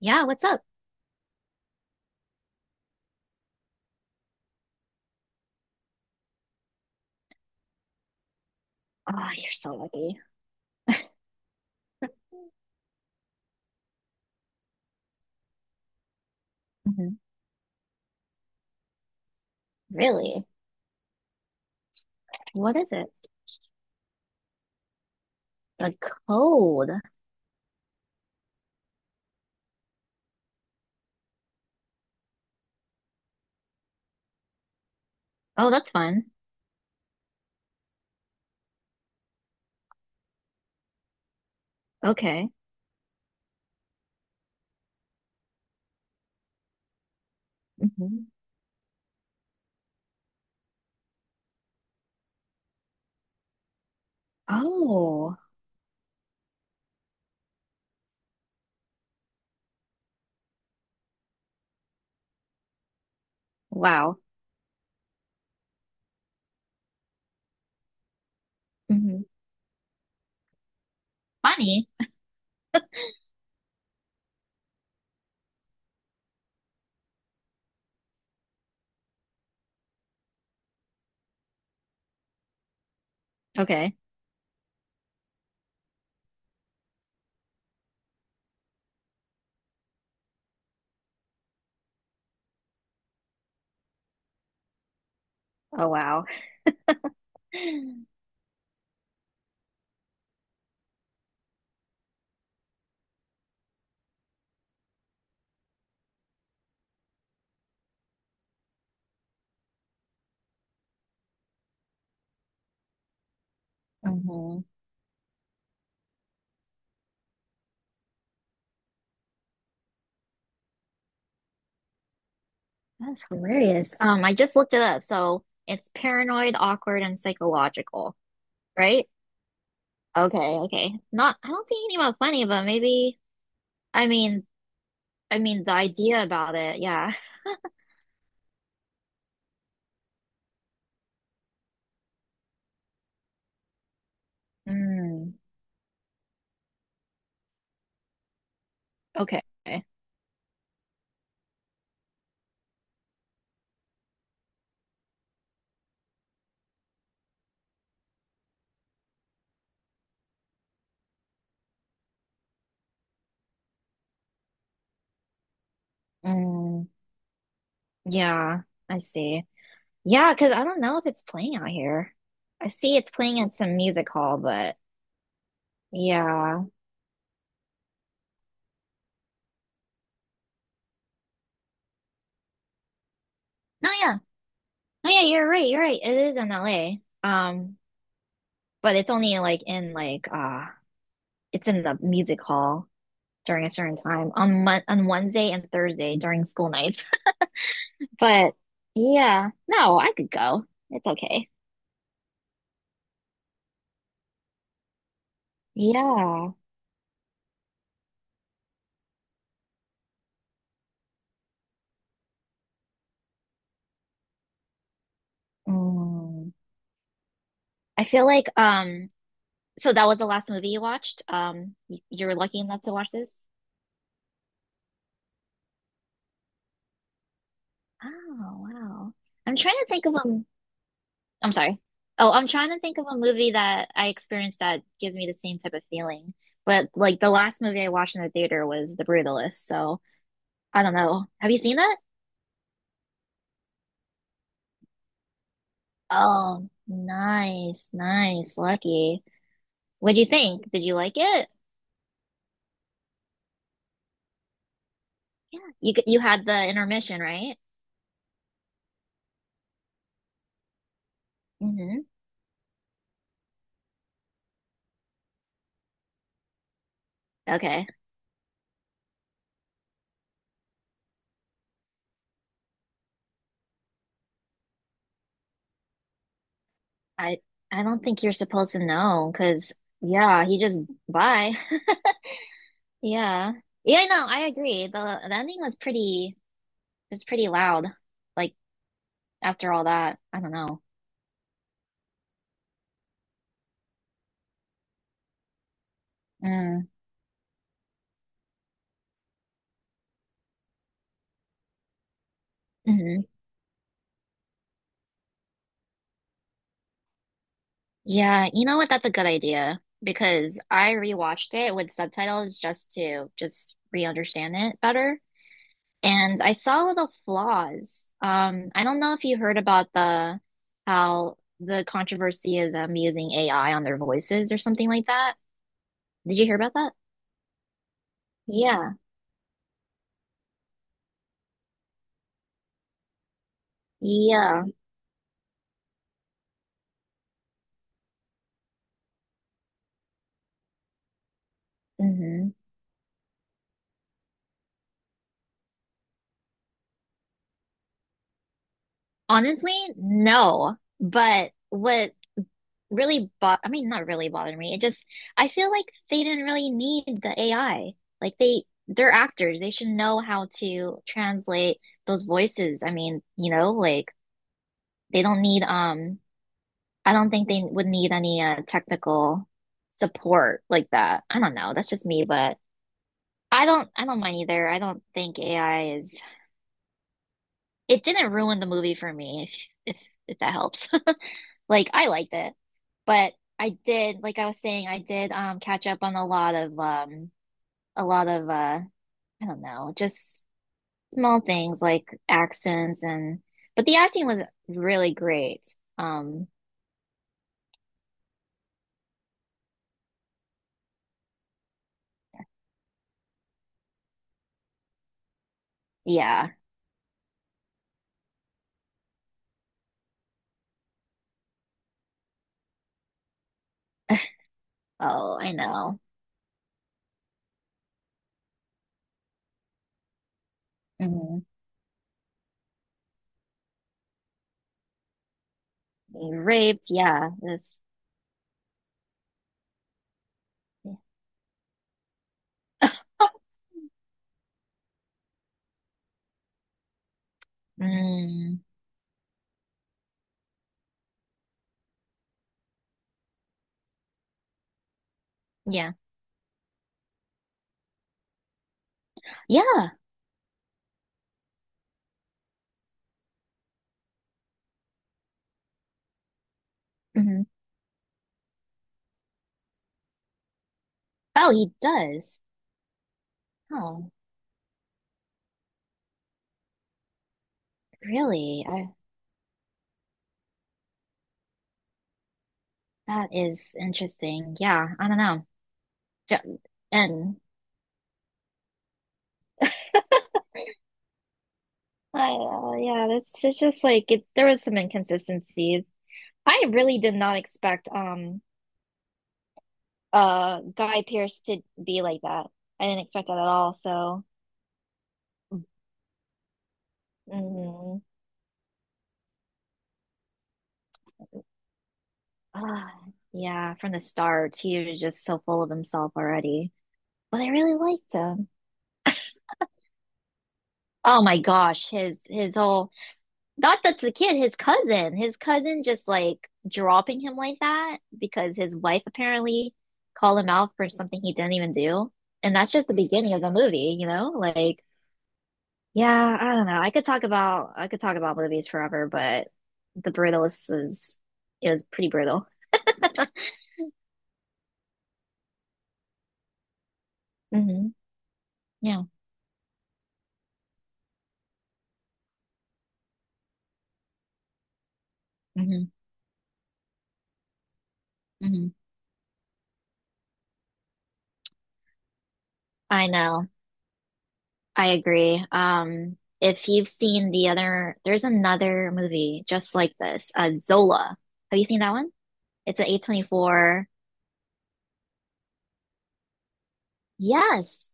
Yeah, what's up? Oh, you're so lucky. Hmm. Really? What is it? A code. Oh, that's fun. Okay. Hmm. Oh, wow. Hmm. Funny. Okay. Oh, wow. Hmm. That's hilarious. I just looked it up. So it's paranoid, awkward, and psychological, right? Okay, okay. Not, I don't think anything about funny, but maybe, I mean, I mean the idea about it, yeah. Mm, okay. Mm. Yeah, I see. Yeah, because I don't know if it's playing out here. I see it's playing at some music hall, but yeah. No, yeah. No, yeah, you're right. You're right. It is in LA. Um, but it's only like in like it's in the music hall during a certain time on Mon on Wednesday and Thursday during school nights. But yeah, no, I could go. It's okay. Yeah. Mm. I feel like so that was the last movie you watched. You were lucky enough to watch this. Oh, wow. I'm trying to think of a, I'm sorry. Oh, I'm trying to think of a movie that I experienced that gives me the same type of feeling. But like the last movie I watched in the theater was The Brutalist, so I don't know. Have you seen that? Oh, nice, nice, lucky. What'd you think? Did you like it? Yeah. You had the intermission, right? Mm-hmm. Okay. I I don't think you're supposed to know because yeah, he just bye. Yeah. Yeah, no, I agree. The ending was pretty loud. Like after all that, I don't know. Mm. Hmm. Yeah, you know what? That's a good idea because I rewatched it with subtitles just to just re-understand it better. And I saw the flaws. I don't know if you heard about the controversy of them using AI on their voices or something like that. Did you hear about that? Yeah. Yeah. Hmm. Honestly, no. But what really bought, I mean, not really bothered me. It just, I feel like they didn't really need the AI. They're actors. They should know how to translate those voices. I mean, you know, like they don't need, I don't think they would need any technical support like that. I don't know. That's just me, but I don't mind either. I don't think AI is, it didn't ruin the movie for me, if that helps. Like I liked it, but I did, like I was saying, I did catch up on a lot of a lot of uh I don't know, just small things like accents and but the acting was really great. Yeah. Oh, I know. Hmm. Being raped, yeah. This mm, yeah. Yeah. Hmm. Oh, he does. Oh, really? I that is interesting. Yeah, I don't know. Ju- And I, yeah, that's it's just like it, there was some inconsistencies. I really did not expect Guy Pearce to be like that. I didn't expect that at all. So, mm, ah, yeah, from the start, he was just so full of himself already. But I really liked him. Oh my gosh, his whole Not that's the kid, his cousin. His cousin just like dropping him like that because his wife apparently called him out for something he didn't even do. And that's just the beginning of the movie, you know? Like, yeah, I don't know. I could talk about movies forever, but the brutalist was is pretty brutal. Hmm. Yeah. Hmm. Hmm. I know. I agree. If you've seen the other, there's another movie just like this, Zola. Have you seen that one? It's an A24. Yes.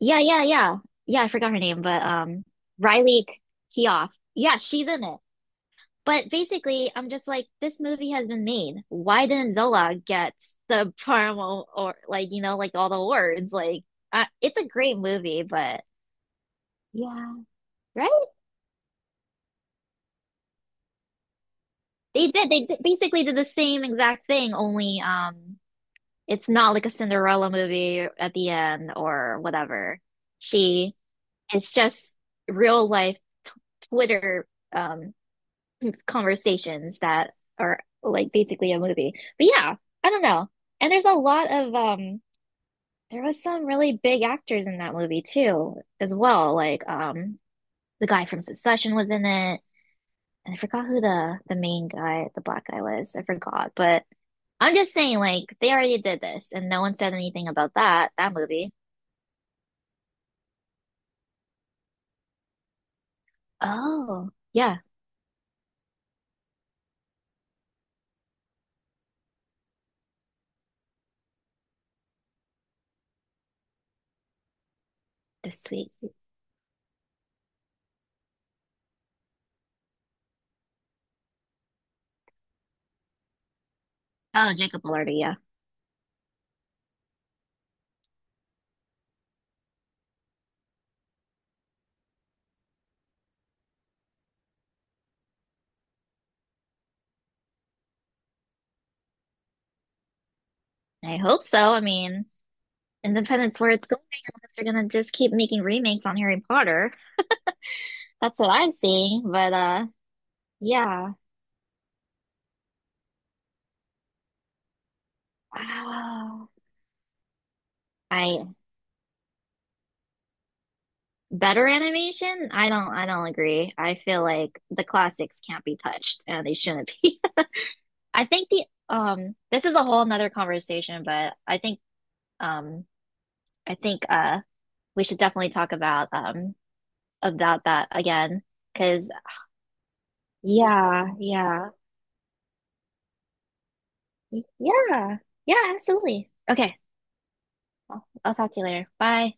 Yeah, yeah, yeah. Yeah, I forgot her name, but Riley K- Keough. Yeah, she's in it. But basically, I'm just like, this movie has been made. Why didn't Zola get the promo or like, you know, like all the awards? Like, it's a great movie, but yeah, right? They did. They did, basically did the same exact thing, only it's not like a Cinderella movie at the end or whatever. She It's just real life t- Twitter um conversations that are like basically a movie. But yeah, I don't know. And there's a lot of there was some really big actors in that movie too, as well. Like the guy from Succession was in it. And I forgot who the main guy, the black guy was. I forgot. But I'm just saying, like, they already did this and no one said anything about that, that movie. Oh, yeah, this week. Oh, Jacob Elordi, yeah. I hope so. I mean, Independence where it's going unless they're gonna just keep making remakes on Harry Potter. That's what I'm seeing. But yeah. Ah, I better animation? I don't agree. I feel like the classics can't be touched and they shouldn't be. I think the this is a whole nother conversation, but I think um I think uh we should definitely talk about that again. Cause yeah, yeah. Yeah. Yeah, absolutely. Okay. I'll talk to you later. Bye.